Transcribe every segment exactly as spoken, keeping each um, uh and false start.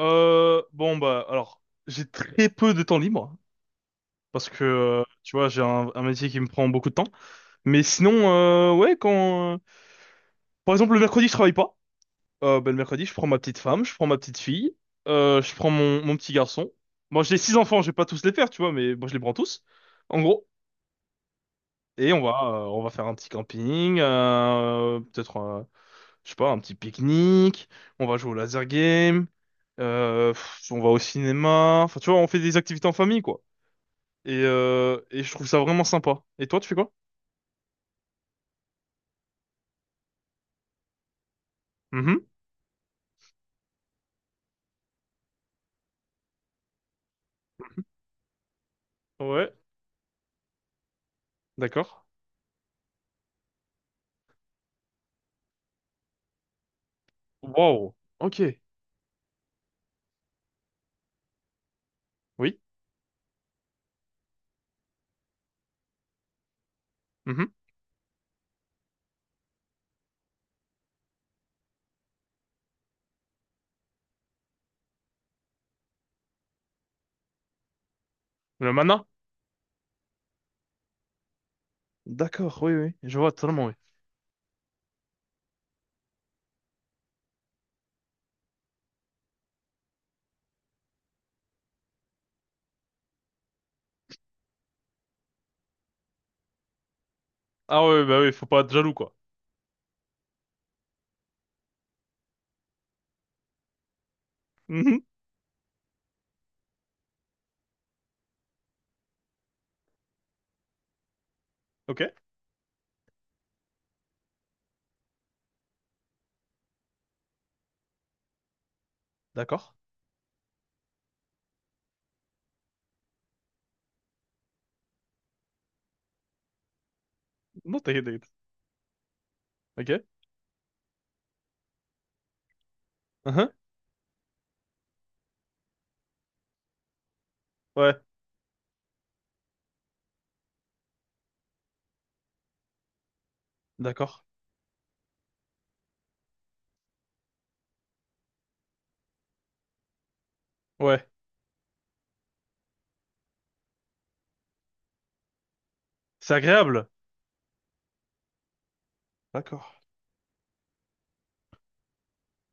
Euh, bon bah alors j'ai très peu de temps libre parce que euh, tu vois j'ai un, un métier qui me prend beaucoup de temps. Mais sinon euh, ouais quand euh, par exemple le mercredi je travaille pas. Euh, bah, le mercredi je prends ma petite femme, je prends ma petite fille, euh, je prends mon, mon petit garçon. Moi j'ai six enfants, je vais pas tous les faire tu vois mais moi je les prends tous en gros. Et on va euh, on va faire un petit camping, euh, peut-être euh, je sais pas un petit pique-nique, on va jouer au laser game, euh, pff, on va au cinéma. Enfin tu vois on fait des activités en famille quoi. Et, euh, et je trouve ça vraiment sympa. Et toi, tu fais quoi? Mhm. Ouais, d'accord. Wow. Ok. Oui. Mhm. Le mana? D'accord, oui, oui. Je vois totalement, oui. Ah ouais bah oui, faut pas être jaloux, quoi. Mhm. Ok, d'accord. Non, t'inquiète, t'inquiète. Ok. Mhm. Ouais, d'accord. Ouais. C'est agréable. D'accord.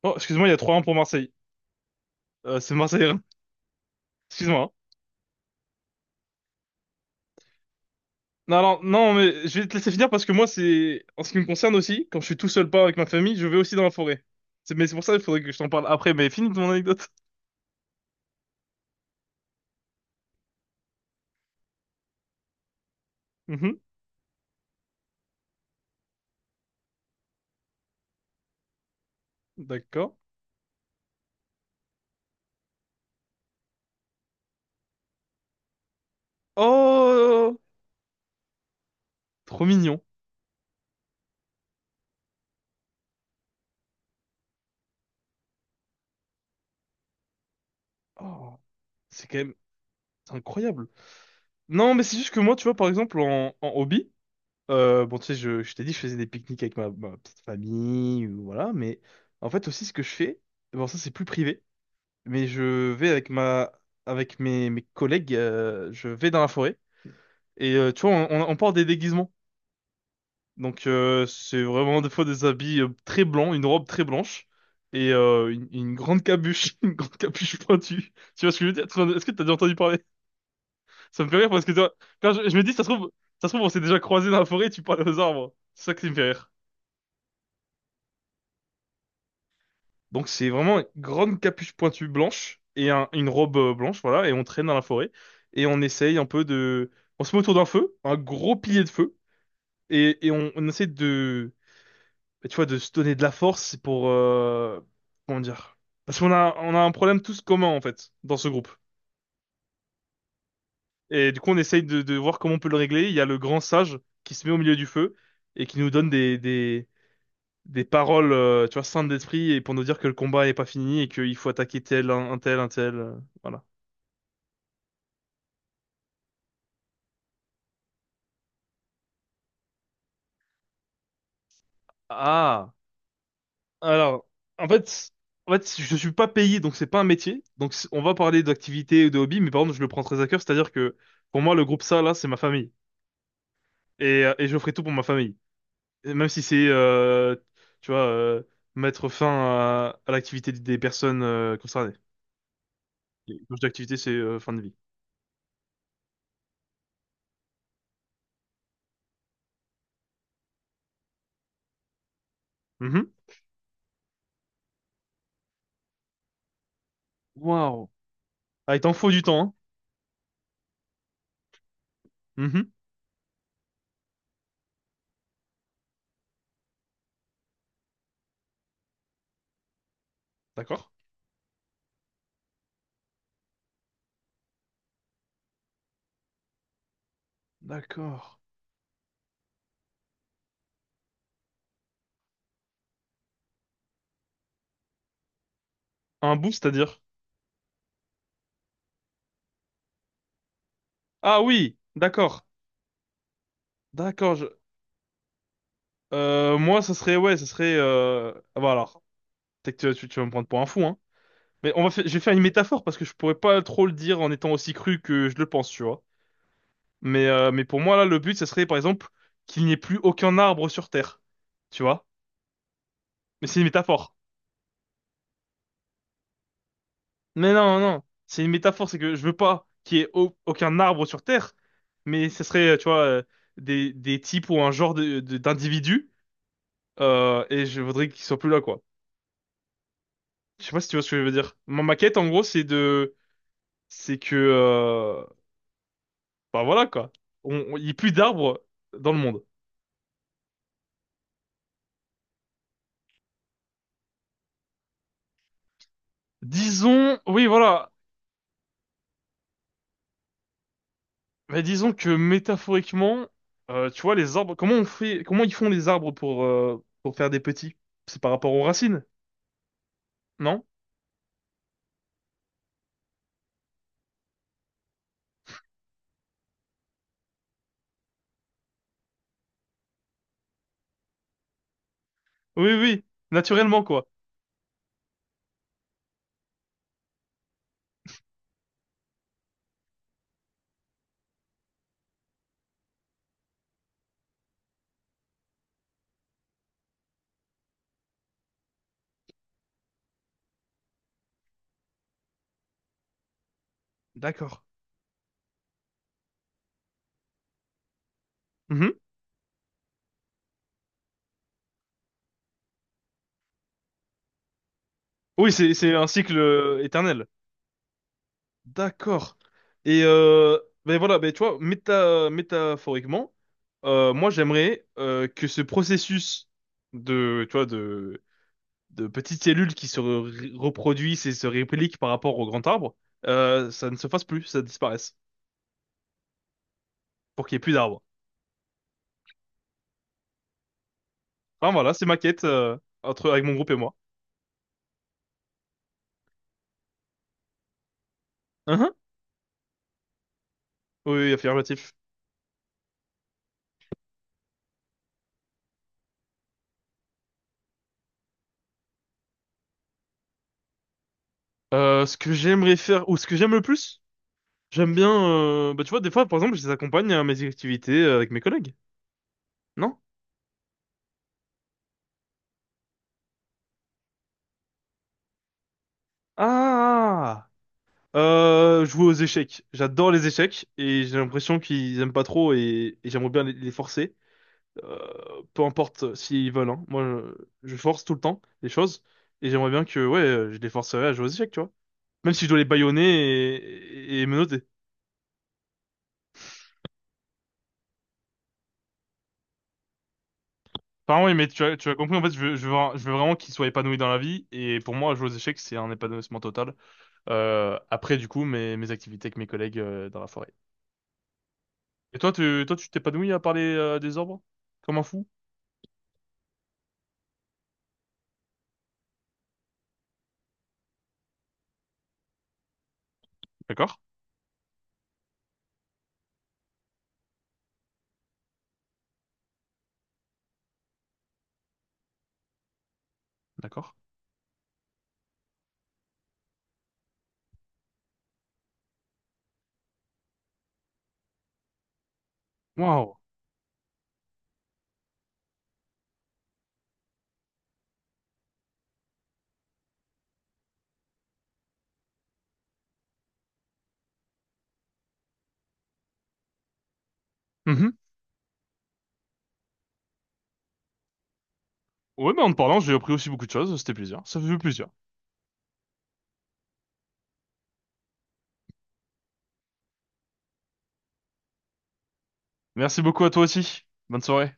Oh, excuse-moi, il y a trois un pour Marseille. Euh, c'est Marseille, hein. Excuse-moi, hein. Non, alors, non, mais je vais te laisser finir parce que moi, c'est, en ce qui me concerne aussi, quand je suis tout seul pas avec ma famille, je vais aussi dans la forêt. C'est, mais c'est pour ça qu'il faudrait que je t'en parle après, mais finis ton anecdote. Mhm, d'accord. Oh, trop mignon. Oh, c'est quand même c'est incroyable. Non, mais c'est juste que moi, tu vois, par exemple, en, en hobby, euh, bon, tu sais, je, je t'ai dit, je faisais des pique-niques avec ma, ma petite famille, ou voilà, mais en fait, aussi, ce que je fais, bon, ça, c'est plus privé, mais je vais avec ma, avec mes, mes collègues, euh, je vais dans la forêt. Et euh, tu vois, on, on on porte des déguisements. Donc euh, c'est vraiment des fois des habits euh, très blancs, une robe très blanche et euh, une, une grande capuche, une grande capuche pointue. Tu vois ce que je veux dire? Est-ce que t'as déjà entendu parler? Ça me fait rire parce que tu vois, quand je, je me dis, ça se trouve, ça se trouve, on s'est déjà croisés dans la forêt, et tu parles aux arbres. C'est ça qui me fait rire. Donc c'est vraiment une grande capuche pointue blanche et un- une robe euh, blanche, voilà, et on traîne dans la forêt et on essaye un peu de, on se met autour d'un feu, un gros pilier de feu et, et on, on essaie de mais tu vois, de se donner de la force pour... euh, comment dire? Parce qu'on a, on a un problème tous commun, en fait, dans ce groupe. Et du coup, on essaye de, de voir comment on peut le régler. Il y a le grand sage qui se met au milieu du feu et qui nous donne des, des, des paroles, euh, tu vois, saintes d'esprit et pour nous dire que le combat n'est pas fini et qu'il faut attaquer tel, un, un tel, un tel, euh, voilà. Ah! Alors, en fait... En fait, je suis pas payé, donc c'est pas un métier. Donc c- on va parler d'activité ou de hobby, mais par contre, je le prends très à cœur. C'est-à-dire que pour moi, le groupe ça, là, c'est ma famille. et, euh, et je ferai tout pour ma famille. Et même si c'est, euh, tu vois, euh, mettre fin à, à l'activité des personnes euh, concernées. Et quand je dis activité, c'est euh, fin de vie. Mhm. Waouh. Ah, il t'en faut du temps, hein. Mhm. D'accord. D'accord. Un bout, c'est-à-dire? Ah oui, d'accord. D'accord. Je- euh, moi, ça serait, ouais, ça serait. Euh... ah, bah alors, peut-être que tu, tu vas me prendre pour un fou, hein. Mais on va faire, je vais faire une métaphore parce que je pourrais pas trop le dire en étant aussi cru que je le pense, tu vois. Mais, euh, mais pour moi, là, le but, ce serait, par exemple, qu'il n'y ait plus aucun arbre sur Terre. Tu vois? Mais c'est une métaphore. Mais non, non, c'est une métaphore, c'est que je veux pas qu'il y ait au- aucun arbre sur Terre, mais ce serait, euh, tu vois, euh, des, des types ou un genre de, de- d'individus, euh, et je voudrais qu'ils soient plus là, quoi. Je sais pas si tu vois ce que je veux dire. Ma maquette, en gros, c'est de... C'est que... Euh... Bah voilà, quoi. On- on- Il n'y a plus d'arbres dans le monde. Disons... Oui, voilà. Mais disons que métaphoriquement, euh, tu vois, les arbres, comment on fait, comment ils font les arbres pour, euh, pour faire des petits? C'est par rapport aux racines, non? Oui, oui, naturellement, quoi. D'accord. Mhm. Oui, c'est, c'est un cycle euh, éternel. D'accord. Et euh, ben voilà, ben tu vois, méta, métaphoriquement, euh, moi j'aimerais euh, que ce processus de, tu vois, de, de petites cellules qui se re- reproduisent et se répliquent par rapport au grand arbre, euh, ça ne se fasse plus, ça disparaisse, pour qu'il y ait plus d'arbres. Enfin voilà, c'est ma quête euh, entre avec mon groupe et moi. Hein, hein. Oui, oui, affirmatif. Euh, ce que j'aimerais faire ou ce que j'aime le plus, j'aime bien. Euh, bah tu vois, des fois, par exemple, je les accompagne à mes activités euh, avec mes collègues. Non? Ah! Euh, jouer aux échecs. J'adore les échecs et j'ai l'impression qu'ils aiment pas trop et, et j'aimerais bien les, les forcer. Euh, peu importe euh, s'ils veulent, hein. Moi, je, je force tout le temps les choses et j'aimerais bien que ouais, euh, je les forcerais à jouer aux échecs, tu vois. Même si je dois les bâillonner et, et, et menotter. Enfin, oui, mais tu as, tu as compris, en fait, je veux, je veux, je veux vraiment qu'il soit épanoui dans la vie. Et pour moi, jouer aux échecs, c'est un épanouissement total. Euh, après, du coup, mes, mes activités avec mes collègues euh, dans la forêt. Et toi, tu, toi, tu t'épanouis à parler euh, des arbres? Comme un fou? D'accord, d'accord. Waouh. Mhm. Ouais, mais en te parlant, j'ai appris aussi beaucoup de choses. C'était plaisir. Ça fait plaisir. Merci beaucoup à toi aussi. Bonne soirée.